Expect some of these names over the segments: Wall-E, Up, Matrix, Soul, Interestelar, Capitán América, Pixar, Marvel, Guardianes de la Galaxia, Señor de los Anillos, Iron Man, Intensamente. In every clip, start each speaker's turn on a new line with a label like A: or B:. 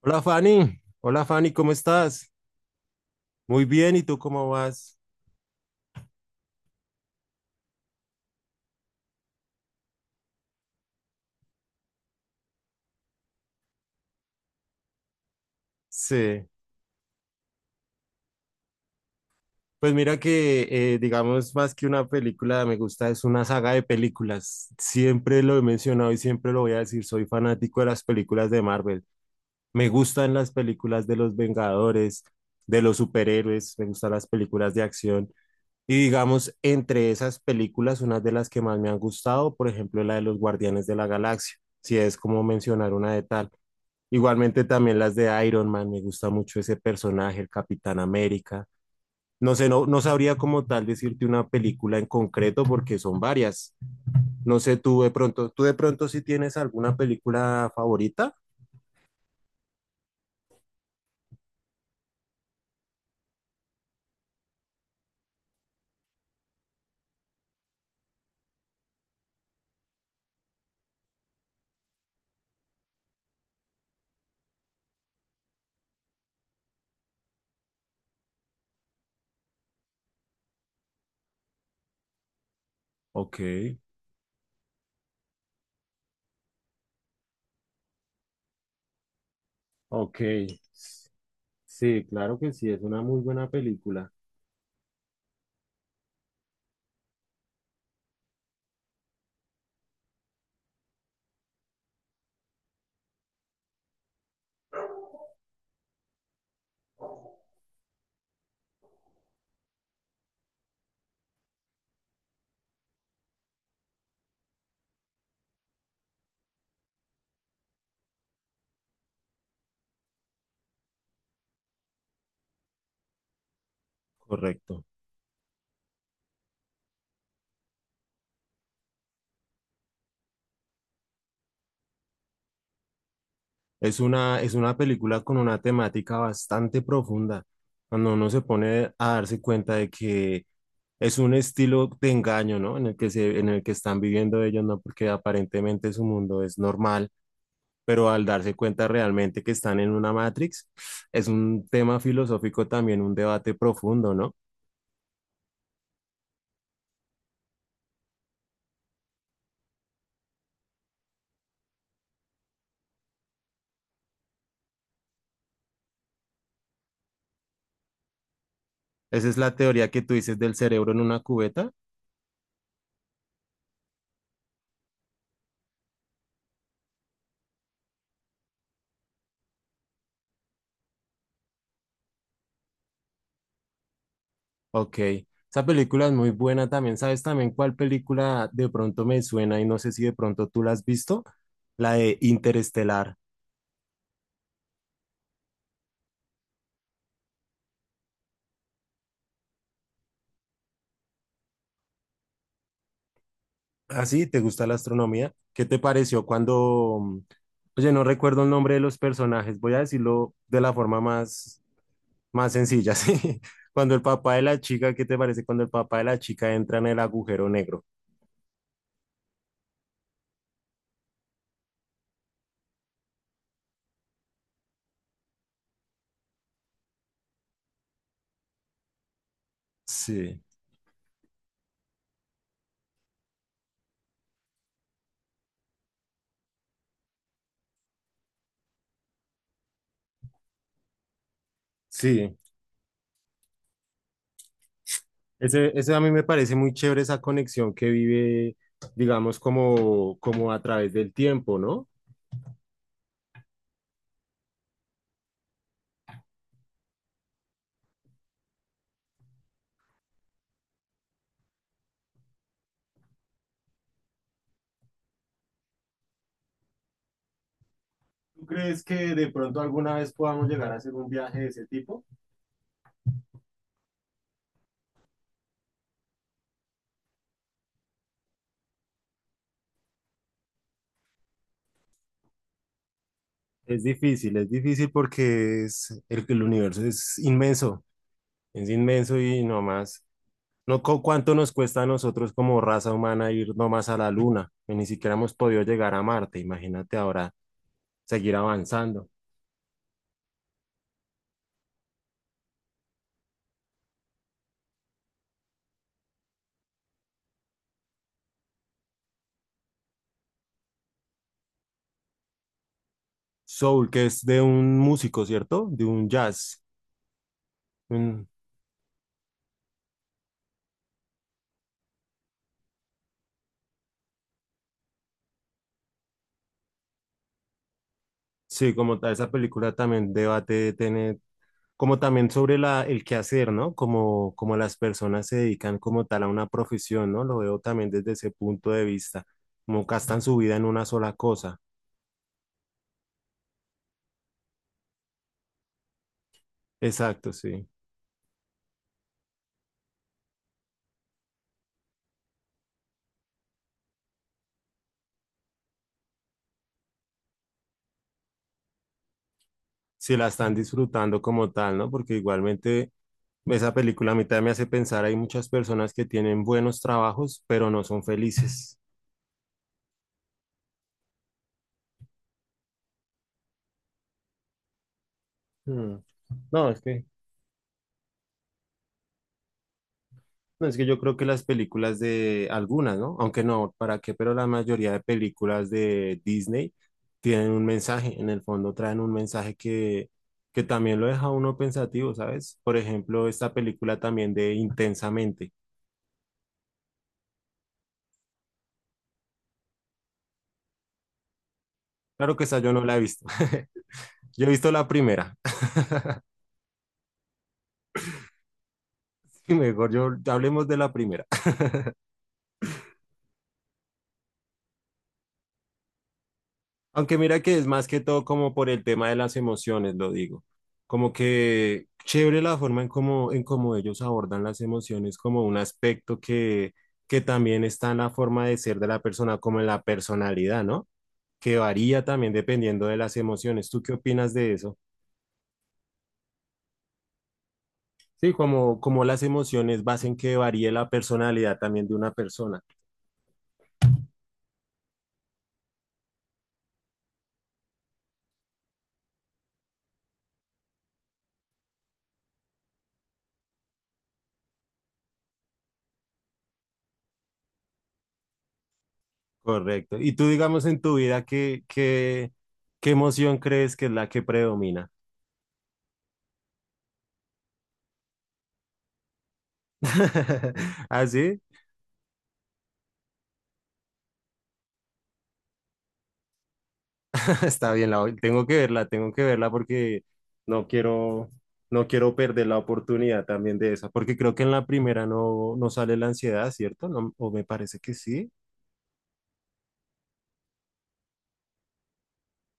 A: Hola Fanny, ¿cómo estás? Muy bien, ¿y tú cómo vas? Sí, pues mira que digamos más que una película, me gusta, es una saga de películas. Siempre lo he mencionado y siempre lo voy a decir, soy fanático de las películas de Marvel. Me gustan las películas de los Vengadores, de los superhéroes, me gustan las películas de acción. Y digamos, entre esas películas, una de las que más me han gustado, por ejemplo, la de los Guardianes de la Galaxia, si es como mencionar una de tal. Igualmente también las de Iron Man, me gusta mucho ese personaje, el Capitán América. No sé, no, no sabría como tal decirte una película en concreto porque son varias. No sé, tú de pronto si tienes alguna película favorita. Ok, ok. Sí, claro que sí, es una muy buena película. Correcto. Es una película con una temática bastante profunda, cuando uno se pone a darse cuenta de que es un estilo de engaño, ¿no? En el que se, en el que están viviendo ellos, ¿no? Porque aparentemente su mundo es normal, pero al darse cuenta realmente que están en una Matrix, es un tema filosófico también, un debate profundo, ¿no? Esa es la teoría que tú dices del cerebro en una cubeta. Ok, esa película es muy buena también. ¿Sabes también cuál película de pronto me suena y no sé si de pronto tú la has visto? La de Interestelar. ¿Ah, sí? ¿Te gusta la astronomía? ¿Qué te pareció cuando... oye, no recuerdo el nombre de los personajes, voy a decirlo de la forma más, más sencilla, ¿sí? Cuando el papá de la chica, ¿qué te parece cuando el papá de la chica entra en el agujero negro? Sí, sí. Ese a mí me parece muy chévere esa conexión que vive, digamos, como, como a través del tiempo, ¿no? ¿Tú crees que de pronto alguna vez podamos llegar a hacer un viaje de ese tipo? Es difícil porque es, el universo es inmenso y no más. No, ¿cuánto nos cuesta a nosotros como raza humana ir nomás a la Luna? Y ni siquiera hemos podido llegar a Marte, imagínate ahora seguir avanzando. Soul, que es de un músico, ¿cierto? De un jazz. Sí, como tal, esa película también debate tener, como también sobre la, el quehacer, ¿no? Como, como las personas se dedican como tal a una profesión, ¿no? Lo veo también desde ese punto de vista, como gastan su vida en una sola cosa. Exacto, sí. Si la están disfrutando como tal, ¿no? Porque igualmente esa película a mí también me hace pensar, hay muchas personas que tienen buenos trabajos, pero no son felices. Mm. No, es que No, es que yo creo que las películas de algunas, ¿no? Aunque no, ¿para qué? Pero la mayoría de películas de Disney tienen un mensaje, en el fondo traen un mensaje que también lo deja a uno pensativo, ¿sabes? Por ejemplo, esta película también de Intensamente. Claro que esa yo no la he visto. Yo he visto la primera. Mejor yo hablemos de la primera. Aunque mira que es más que todo como por el tema de las emociones, lo digo. Como que chévere la forma en cómo ellos abordan las emociones como un aspecto que también está en la forma de ser de la persona, como en la personalidad, ¿no? Que varía también dependiendo de las emociones. ¿Tú qué opinas de eso? Sí, como, como las emociones hacen que varíe la personalidad también de una persona. Correcto. Y tú, digamos, en tu vida, ¿qué, qué, qué emoción crees que es la que predomina? ¿Así? Está bien, la, tengo que verla porque no quiero, no quiero perder la oportunidad también de esa, porque creo que en la primera no, no sale la ansiedad, ¿cierto? No, o me parece que sí.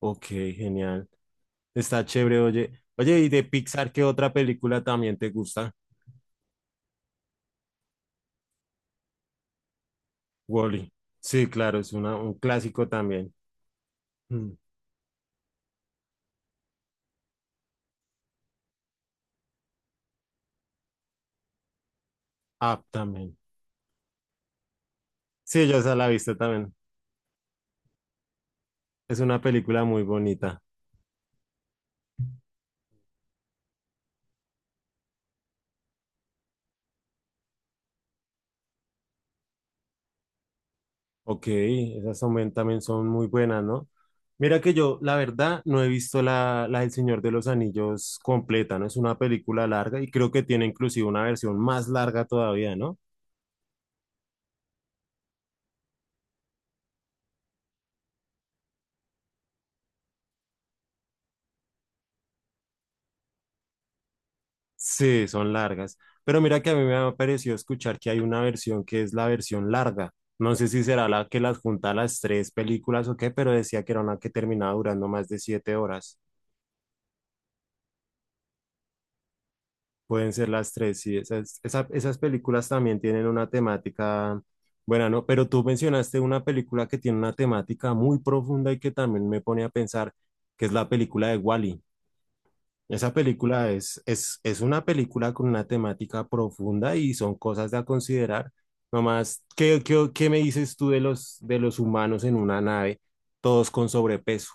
A: Ok, genial. Está chévere, oye. Oye, ¿y de Pixar qué otra película también te gusta? Wall-E. Sí, claro, es una, un clásico también. Mm, Up también. Sí, yo esa la he visto también. Es una película muy bonita. Ok, esas también, también son muy buenas, ¿no? Mira que yo, la verdad, no he visto la, la del Señor de los Anillos completa, ¿no? Es una película larga y creo que tiene inclusive una versión más larga todavía, ¿no? Sí, son largas. Pero mira que a mí me ha parecido escuchar que hay una versión que es la versión larga. No sé si será la que las junta las tres películas o qué, pero decía que era una que terminaba durando más de 7 horas. Pueden ser las tres, sí. Esas, esas películas también tienen una temática buena, ¿no? Pero tú mencionaste una película que tiene una temática muy profunda y que también me pone a pensar, que es la película de Wall-E. Esa película es una película con una temática profunda y son cosas a considerar. Nomás, ¿qué, qué, qué me dices tú de los humanos en una nave, todos con sobrepeso?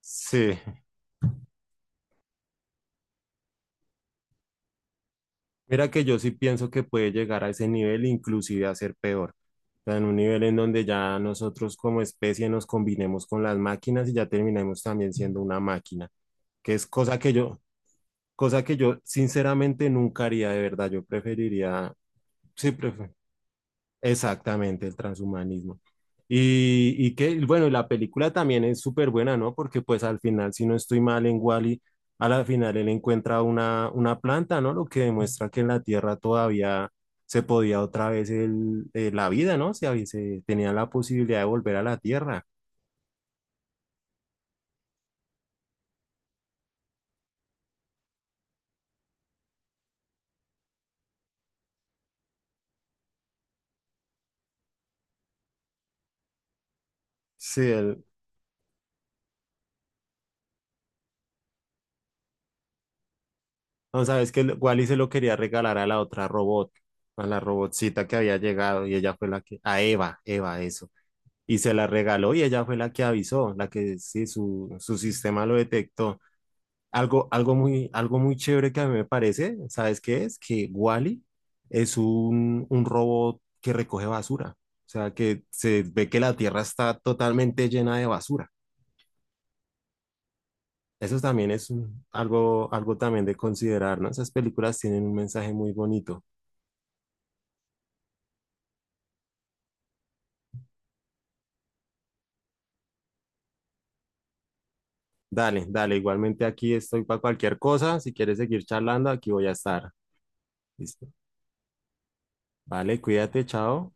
A: Sí. Mira que yo sí pienso que puede llegar a ese nivel, inclusive a ser peor. O sea, en un nivel en donde ya nosotros como especie nos combinemos con las máquinas y ya terminemos también siendo una máquina, que es cosa que yo sinceramente nunca haría de verdad. Yo preferiría, sí, pref- Exactamente, el transhumanismo. Y que, bueno, y la película también es súper buena, ¿no? Porque pues al final, si no estoy mal en Wall-E, a la final él encuentra una planta, ¿no? Lo que demuestra que en la Tierra todavía se podía otra vez el, la vida, ¿no? Se, se tenía la posibilidad de volver a la Tierra. Sí, él, no sabes que Wally se lo quería regalar a la otra robot, a la robotcita que había llegado y ella fue la que, a Eva, Eva, eso. Y se la regaló y ella fue la que avisó, la que sí, su sistema lo detectó. Algo, algo muy chévere que a mí me parece, ¿sabes qué es? Que Wall-E es un robot que recoge basura, o sea, que se ve que la Tierra está totalmente llena de basura. Eso también es algo, algo también de considerar, ¿no? Esas películas tienen un mensaje muy bonito. Dale, dale, igualmente aquí estoy para cualquier cosa. Si quieres seguir charlando, aquí voy a estar. Listo. Vale, cuídate, chao.